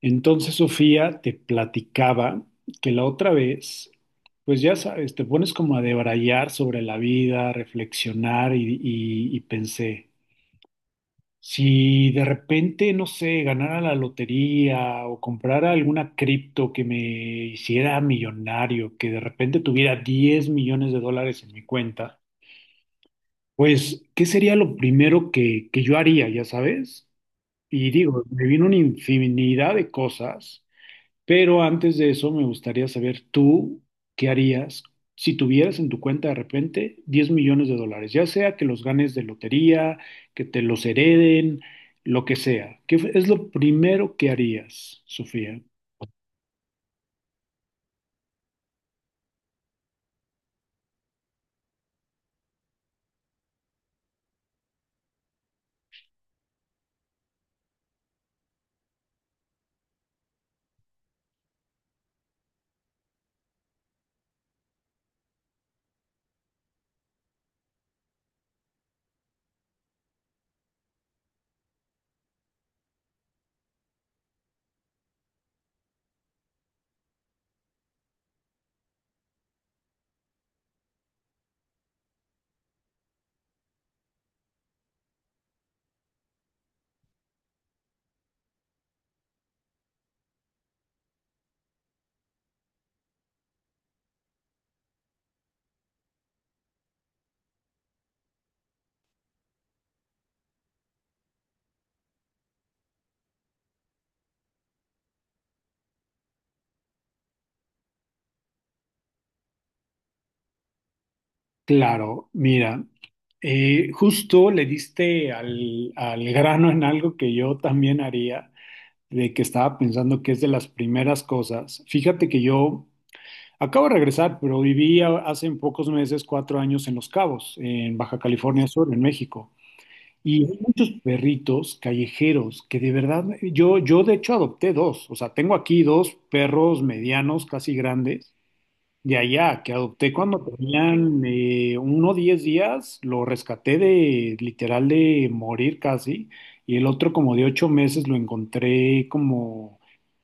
Entonces Sofía te platicaba que la otra vez, pues ya sabes, te pones como a debrayar sobre la vida, a reflexionar y pensé, si de repente, no sé, ganara la lotería o comprara alguna cripto que me hiciera millonario, que de repente tuviera 10 millones de dólares en mi cuenta, pues, ¿qué sería lo primero que yo haría, ya sabes? Y digo, me vino una infinidad de cosas. Pero antes de eso, me gustaría saber tú qué harías si tuvieras en tu cuenta de repente 10 millones de dólares, ya sea que los ganes de lotería, que te los hereden, lo que sea. ¿Qué es lo primero que harías, Sofía? Claro, mira, justo le diste al grano en algo que yo también haría, de que estaba pensando que es de las primeras cosas. Fíjate que yo acabo de regresar, pero hace pocos meses, 4 años, en Los Cabos, en Baja California Sur, en México. Y hay muchos perritos callejeros que de verdad, yo de hecho adopté dos. O sea, tengo aquí dos perros medianos, casi grandes, de allá, que adopté cuando tenían uno 10 días, lo rescaté de literal de morir casi, y el otro como de 8 meses lo encontré como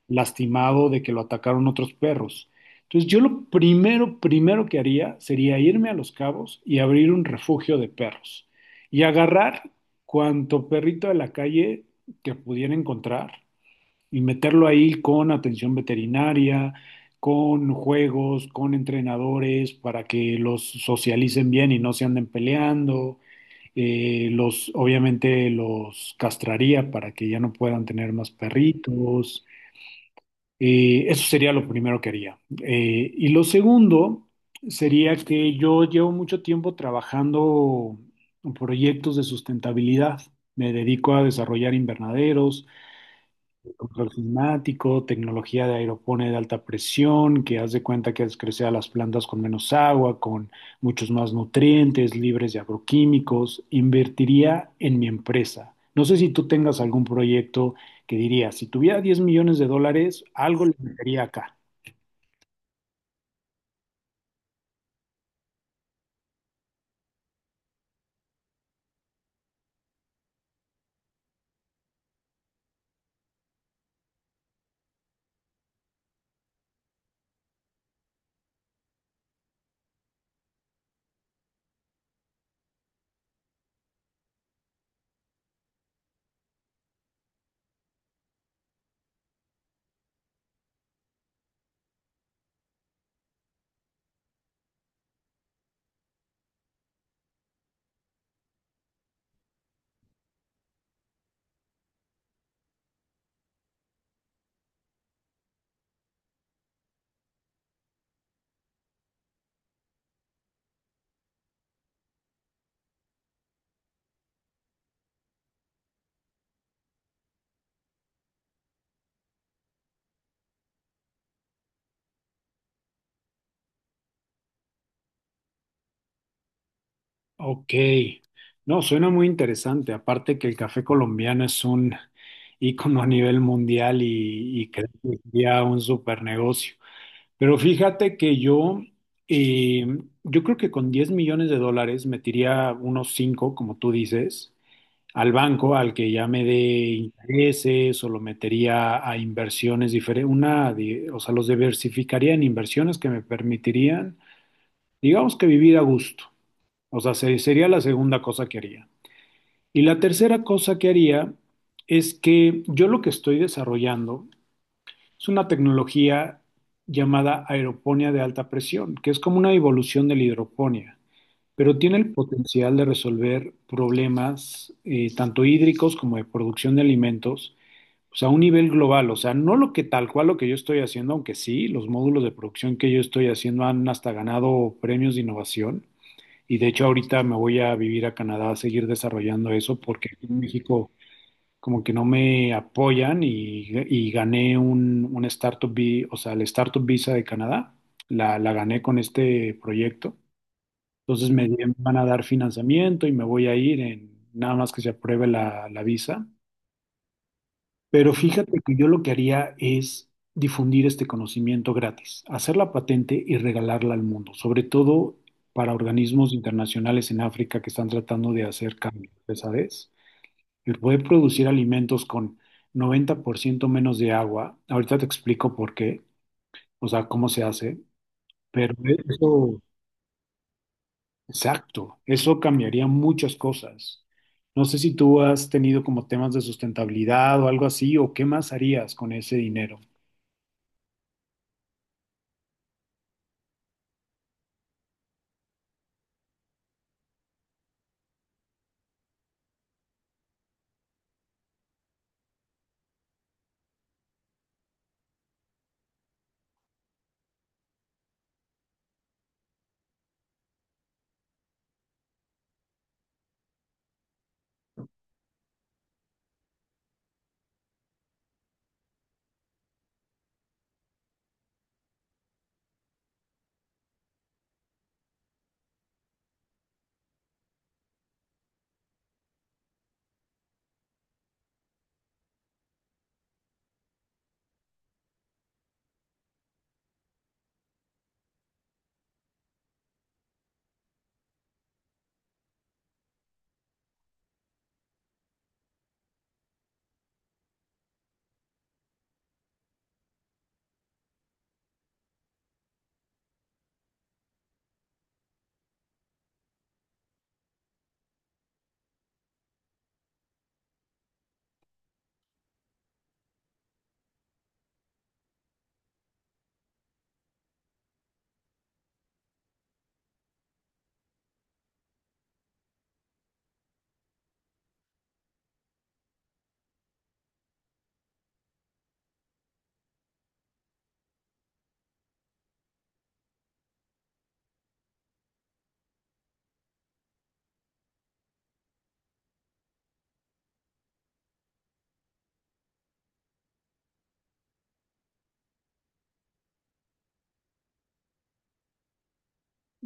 lastimado de que lo atacaron otros perros. Entonces yo lo primero, primero que haría sería irme a Los Cabos y abrir un refugio de perros y agarrar cuanto perrito de la calle que pudiera encontrar y meterlo ahí con atención veterinaria, con juegos, con entrenadores para que los socialicen bien y no se anden peleando. Obviamente los castraría para que ya no puedan tener más perritos. Eso sería lo primero que haría. Y lo segundo sería que yo llevo mucho tiempo trabajando en proyectos de sustentabilidad. Me dedico a desarrollar invernaderos, control climático, tecnología de aeroponía de alta presión, que haz de cuenta que haces crecer a las plantas con menos agua, con muchos más nutrientes, libres de agroquímicos, invertiría en mi empresa. No sé si tú tengas algún proyecto que dirías, si tuviera 10 millones de dólares, algo le metería acá. Ok, no, suena muy interesante. Aparte que el café colombiano es un ícono a nivel mundial y creo que sería un super negocio. Pero fíjate que yo, eh, yo creo que con 10 millones de dólares metiría unos 5 como tú dices, al banco al que ya me dé intereses o lo metería a inversiones diferentes, o sea, los diversificaría en inversiones que me permitirían, digamos que vivir a gusto. O sea, sería la segunda cosa que haría. Y la tercera cosa que haría es que yo lo que estoy desarrollando es una tecnología llamada aeroponía de alta presión, que es como una evolución de la hidroponía, pero tiene el potencial de resolver problemas tanto hídricos como de producción de alimentos, pues a un nivel global, o sea, no lo que tal cual lo que yo estoy haciendo, aunque sí, los módulos de producción que yo estoy haciendo han hasta ganado premios de innovación. Y de hecho ahorita me voy a vivir a Canadá a seguir desarrollando eso porque aquí en México como que no me apoyan y gané un Startup Visa, o sea, el Startup Visa de Canadá, la gané con este proyecto. Entonces van a dar financiamiento y me voy a ir en nada más que se apruebe la visa. Pero fíjate que yo lo que haría es difundir este conocimiento gratis, hacer la patente y regalarla al mundo, sobre todo para organismos internacionales en África que están tratando de hacer cambios, ¿sabes? El poder producir alimentos con 90% menos de agua, ahorita te explico por qué, o sea, cómo se hace, eso, exacto, eso cambiaría muchas cosas. No sé si tú has tenido como temas de sustentabilidad o algo así, o qué más harías con ese dinero.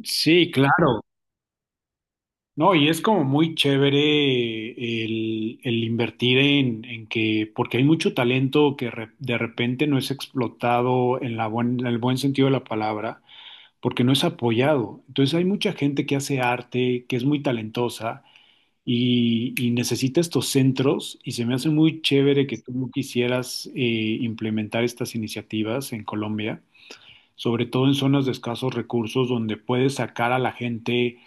Sí, claro. No, y es como muy chévere el invertir en que, porque hay mucho talento que de repente no es explotado en en el buen sentido de la palabra, porque no es apoyado. Entonces hay mucha gente que hace arte, que es muy talentosa y necesita estos centros y se me hace muy chévere que tú no quisieras implementar estas iniciativas en Colombia, sobre todo en zonas de escasos recursos donde puedes sacar a la gente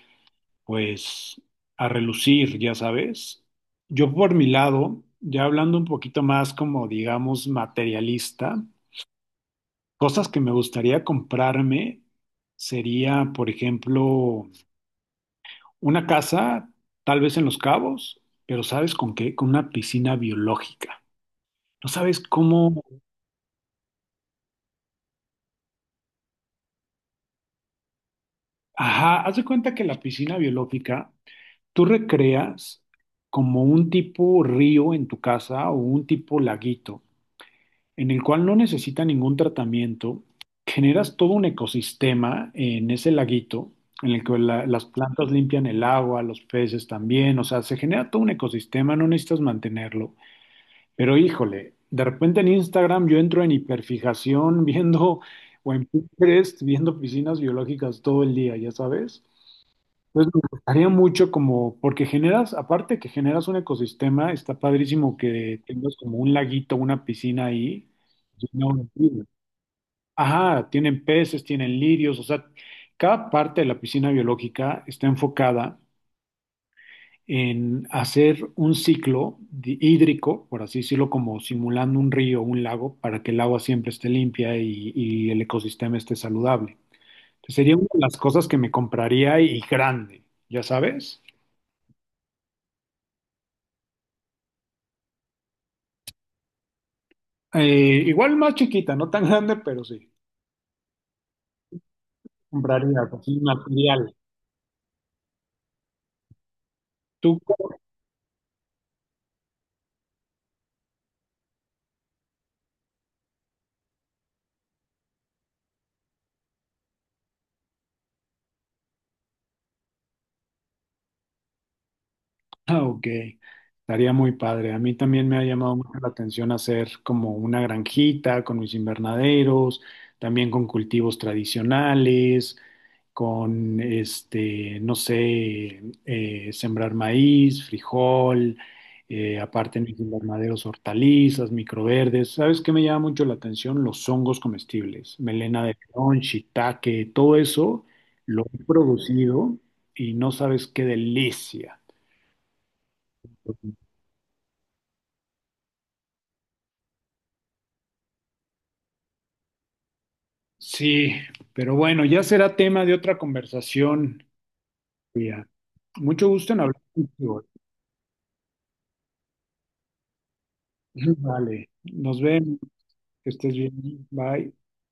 pues a relucir, ya sabes. Yo por mi lado, ya hablando un poquito más como digamos materialista, cosas que me gustaría comprarme sería, por ejemplo, una casa, tal vez en Los Cabos, pero ¿sabes con qué? Con una piscina biológica. No sabes cómo... Ajá, haz de cuenta que la piscina biológica tú recreas como un tipo río en tu casa o un tipo laguito, en el cual no necesita ningún tratamiento. Generas todo un ecosistema en ese laguito, en el que las plantas limpian el agua, los peces también, o sea, se genera todo un ecosistema, no necesitas mantenerlo. Pero híjole, de repente en Instagram yo entro en hiperfijación viendo o en Pinterest viendo piscinas biológicas todo el día, ya sabes. Entonces me gustaría mucho como, porque generas, aparte que generas un ecosistema, está padrísimo que tengas como un laguito, una piscina ahí llena de lirios. Ajá, tienen peces, tienen lirios, o sea, cada parte de la piscina biológica está enfocada en hacer un ciclo hídrico, por así decirlo, como simulando un río o un lago, para que el agua siempre esté limpia y el ecosistema esté saludable. Entonces, sería una de las cosas que me compraría y grande, ya sabes. Igual más chiquita, no tan grande, pero sí, compraría pues, sí, material. ¿Tú... Ah, ok, estaría muy padre. A mí también me ha llamado mucho la atención hacer como una granjita con mis invernaderos, también con cultivos tradicionales, con este, no sé, sembrar maíz, frijol, aparte en mis invernaderos hortalizas, microverdes. ¿Sabes qué me llama mucho la atención? Los hongos comestibles, melena de león, shiitake, todo eso lo he producido y no sabes qué delicia. Sí, pero bueno, ya será tema de otra conversación, Frida. Mucho gusto en hablar contigo. Vale, nos vemos. Que estés bien. Bye.